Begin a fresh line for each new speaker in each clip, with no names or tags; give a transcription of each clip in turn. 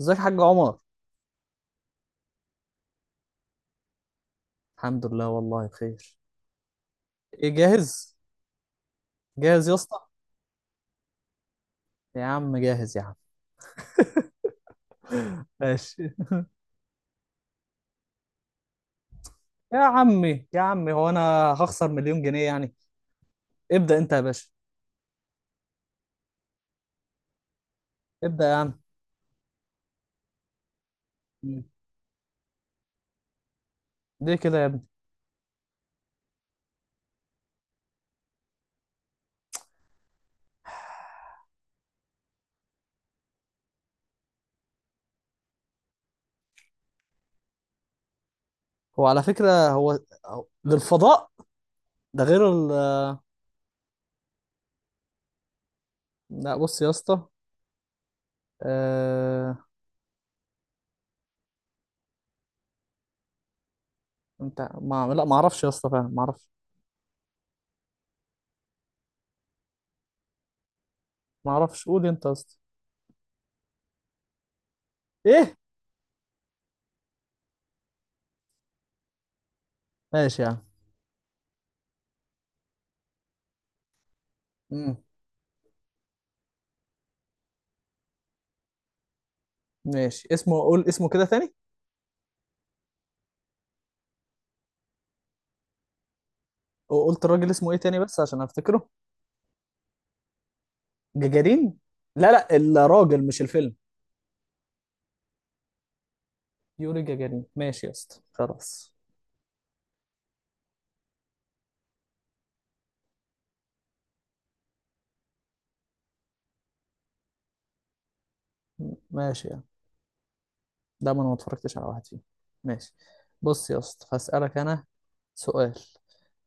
ازيك يا حاج عمر؟ الحمد لله، والله بخير. ايه، جاهز؟ جاهز يا اسطى؟ يا عم، جاهز يا عم. ماشي. يا عمي، يا عمي، هو انا هخسر مليون جنيه يعني؟ ابدأ انت يا باشا. ابدأ يا عم. مم. ليه كده يا ابني؟ هو على فكرة للفضاء، ده غير. لا، بص يا اسطى. آه... انت ما... لا، ما اعرفش يا اسطى، فعلا ما اعرفش. ما اعرفش، قول انت يا اسطى. ايه؟ ماشي يا عم. مم. ماشي، اسمه، قول اسمه كده تاني. قلت الراجل اسمه ايه تاني، بس عشان افتكره. جاجارين. لا، لا، الراجل مش الفيلم. يوري جاجارين، ماشي يا اسطى، خلاص. ماشي يعني. ده، ما انا ما اتفرجتش على واحد فيهم. ماشي. بص يا اسطى، هسألك انا سؤال.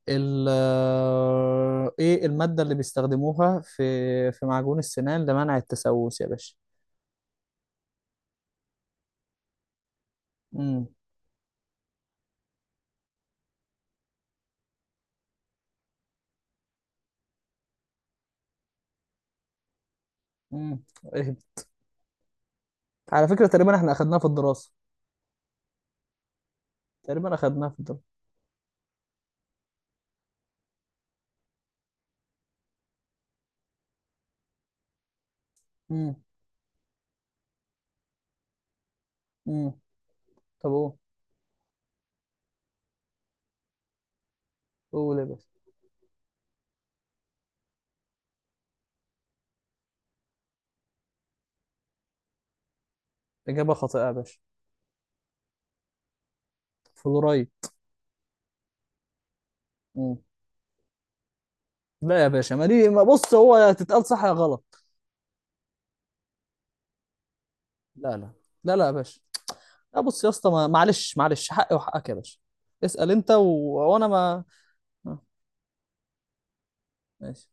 ال آه، ايه المادة اللي بيستخدموها في معجون السنان لمنع التسوس يا باشا؟ امم. امم. إيه؟ على فكرة، تقريبا احنا اخدناها في الدراسة. تقريبا اخدناها في الدراسة. امم. امم. طب، قول، قول يا باشا. إجابة خاطئة يا باشا. فلورايد. امم. لا يا باشا، ما دي، ما بص، هو يا تتقال صح يا غلط. لا، لا. لا، لا يا باشا. لا، بص يا اسطى، معلش، معلش، حقي وحقك يا باشا. اسأل انت. وانا ما. آه، ماشي،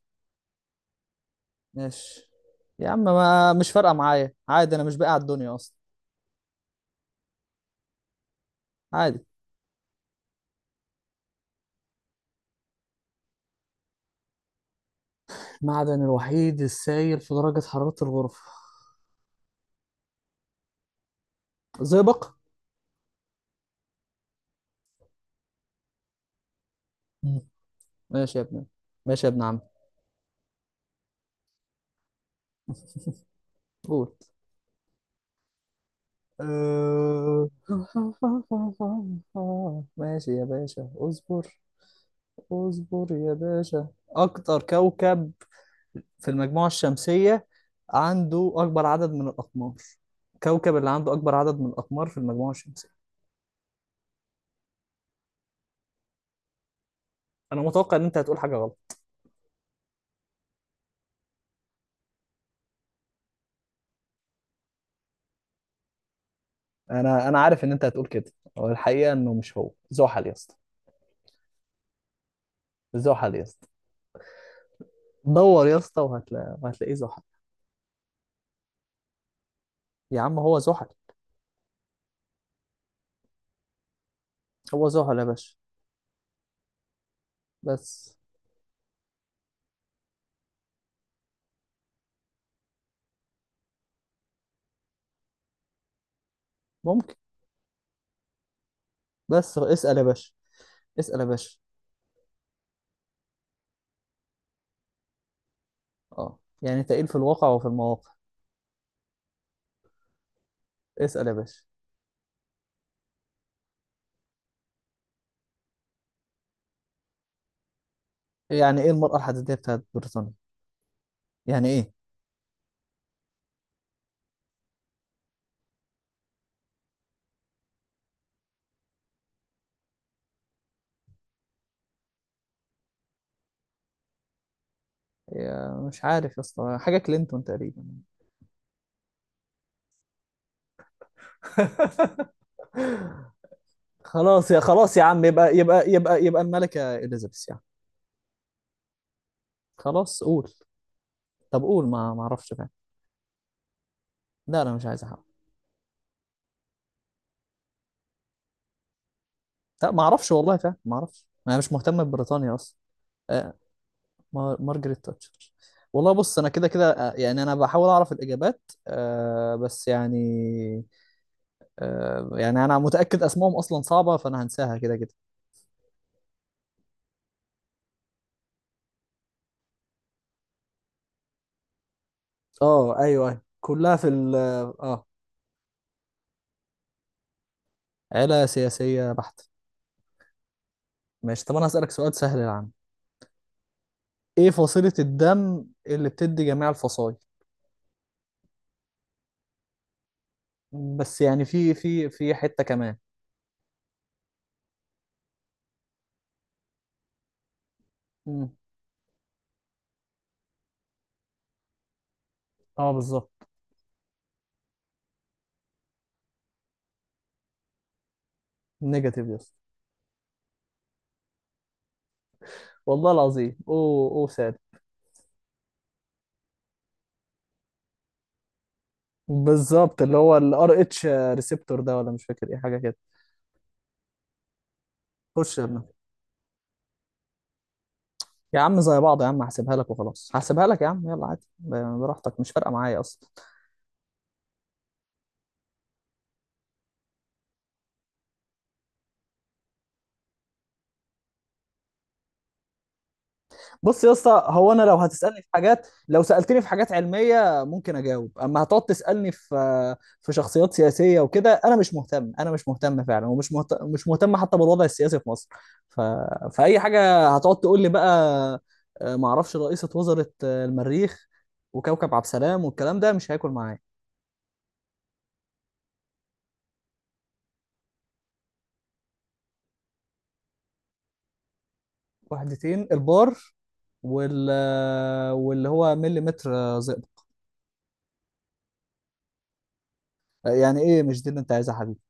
ماشي يا عم، ما مش فارقة معايا، عادي، انا مش باقي على الدنيا اصلا. عادي. المعدن الوحيد السائل في درجة حرارة الغرفة؟ زئبق. مم. ماشي يا ابن. ماشي يا ابن عم. قول. آه. ماشي يا باشا، اصبر. اصبر يا باشا. اكتر كوكب في المجموعة الشمسية عنده اكبر عدد من الاقمار؟ كوكب اللي عنده اكبر عدد من الاقمار في المجموعة الشمسية؟ انا متوقع ان انت هتقول حاجة غلط. انا عارف ان انت هتقول كده. هو الحقيقة انه مش، هو زحل يا اسطى. زحل يا اسطى. دور يا اسطى وهتلاقيه زحل. يا عم، هو زحل. هو زحل يا باشا، بس. ممكن. بس اسأل يا باشا. اسأل يا باشا. اه، يعني تقيل في الواقع وفي المواقع. اسأل يا باشا. يعني ايه المرأة الحديدية بتاعت بريطانيا؟ يعني ايه؟ يا، مش عارف يا اسطى، حاجه كلينتون تقريبا. خلاص يا عم، يبقى الملكه اليزابيث يعني. خلاص، قول. طب قول، ما اعرفش فعلا. لا، انا مش عايز احاول. لا، ما اعرفش والله، فعلا ما اعرفش، انا مش مهتم ببريطانيا اصلا. آه. مارجريت تاتشر. والله، بص انا كده كده، يعني انا بحاول اعرف الاجابات. آه، بس يعني. آه، يعني انا متاكد اسمائهم اصلا صعبه، فانا هنساها كده كده. اه، ايوه، ايوه، كلها في ال. اه. عيلة سياسية بحتة. ماشي، طب أنا هسألك سؤال سهل يا عم. إيه فصيلة الدم اللي بتدي جميع الفصائل؟ بس يعني في حتة كمان. مم. أه، بالظبط. نيجاتيف، يس. والله العظيم، أوه أوه ساد. بالظبط، اللي هو الار اتش ريسبتور ده، ولا مش فاكر ايه حاجه كده. خش يا ابني. يا عم زي بعض يا عم، هحسبها لك وخلاص، هحسبها لك يا عم، يلا عادي، براحتك، مش فارقه معايا اصلا. بص يا اسطى، هو انا لو سالتني في حاجات علميه ممكن اجاوب، اما هتقعد تسالني في شخصيات سياسيه وكده، انا مش مهتم فعلا، مش مهتم حتى بالوضع السياسي في مصر. ف... فاي حاجه هتقعد تقول لي بقى؟ ما اعرفش رئيسه وزاره المريخ وكوكب عبد السلام، والكلام ده مش هياكل معايا. وحدتين، البار وال... واللي هو مليمتر زئبق. يعني ايه، مش دي اللي انت عايزها يا حبيبي؟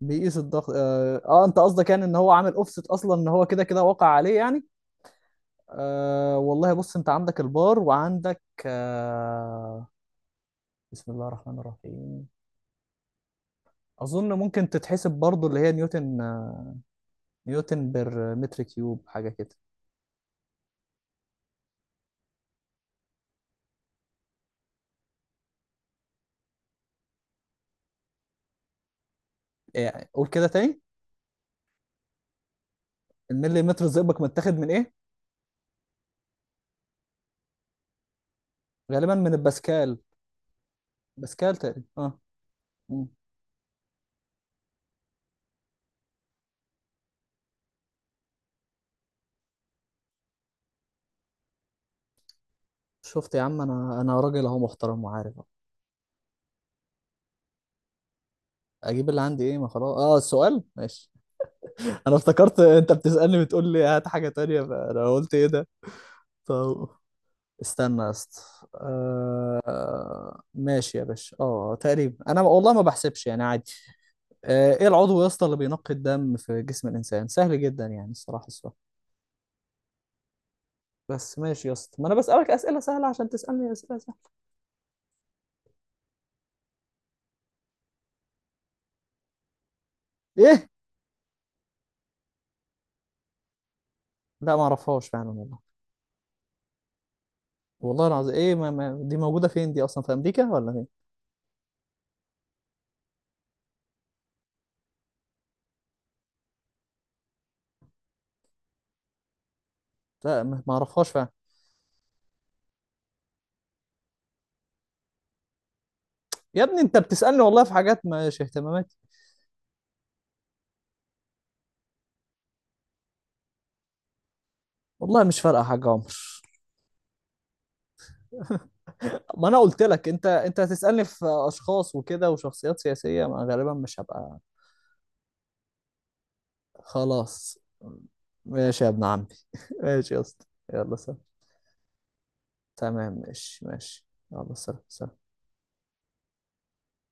بيقيس الضغط انت قصدك يعني ان هو عامل اوفست، اصلا ان هو كده كده واقع عليه يعني. آه، والله بص انت عندك البار، وعندك. بسم الله الرحمن الرحيم. اظن ممكن تتحسب برضو اللي هي نيوتن بر متر كيوب حاجه كده. يعني قول كده تاني. الملي متر زئبق متاخد من ايه؟ غالبا من الباسكال. باسكال تقريبا، اه. مم. شفت يا عم، انا راجل اهو محترم وعارف. اجيب اللي عندي ايه؟ ما خلاص، اه، السؤال ماشي. انا افتكرت انت بتسألني، بتقول لي هات حاجة تانية، فانا قلت ايه ده. طب استنى يا اسطى، ماشي يا باشا، اه، تقريبا انا والله ما بحسبش يعني، عادي. ايه العضو يا اسطى اللي بينقي الدم في جسم الانسان؟ سهل جدا يعني الصراحة السؤال. بس ماشي يا اسطى، ما انا بسألك أسئلة سهلة عشان تسألني أسئلة سهلة. ايه؟ لا، ما اعرفهاش فعلا والله. والله العظيم، ايه؟ ما... ما... دي موجودة فين دي اصلا، في امريكا ولا فين؟ لا، ما اعرفهاش فعلا. يا ابني انت بتسألني والله في حاجات مش اهتماماتي. والله مش فارقة حاجة، عمر. ما انا قلت لك، انت هتسألني في اشخاص وكده وشخصيات سياسية، ما غالبا مش هبقى. خلاص. ماشي يا ابن عمي. ماشي يا اسطى. يلا، سلام. تمام، ماشي ماشي، يلا سلام سلام.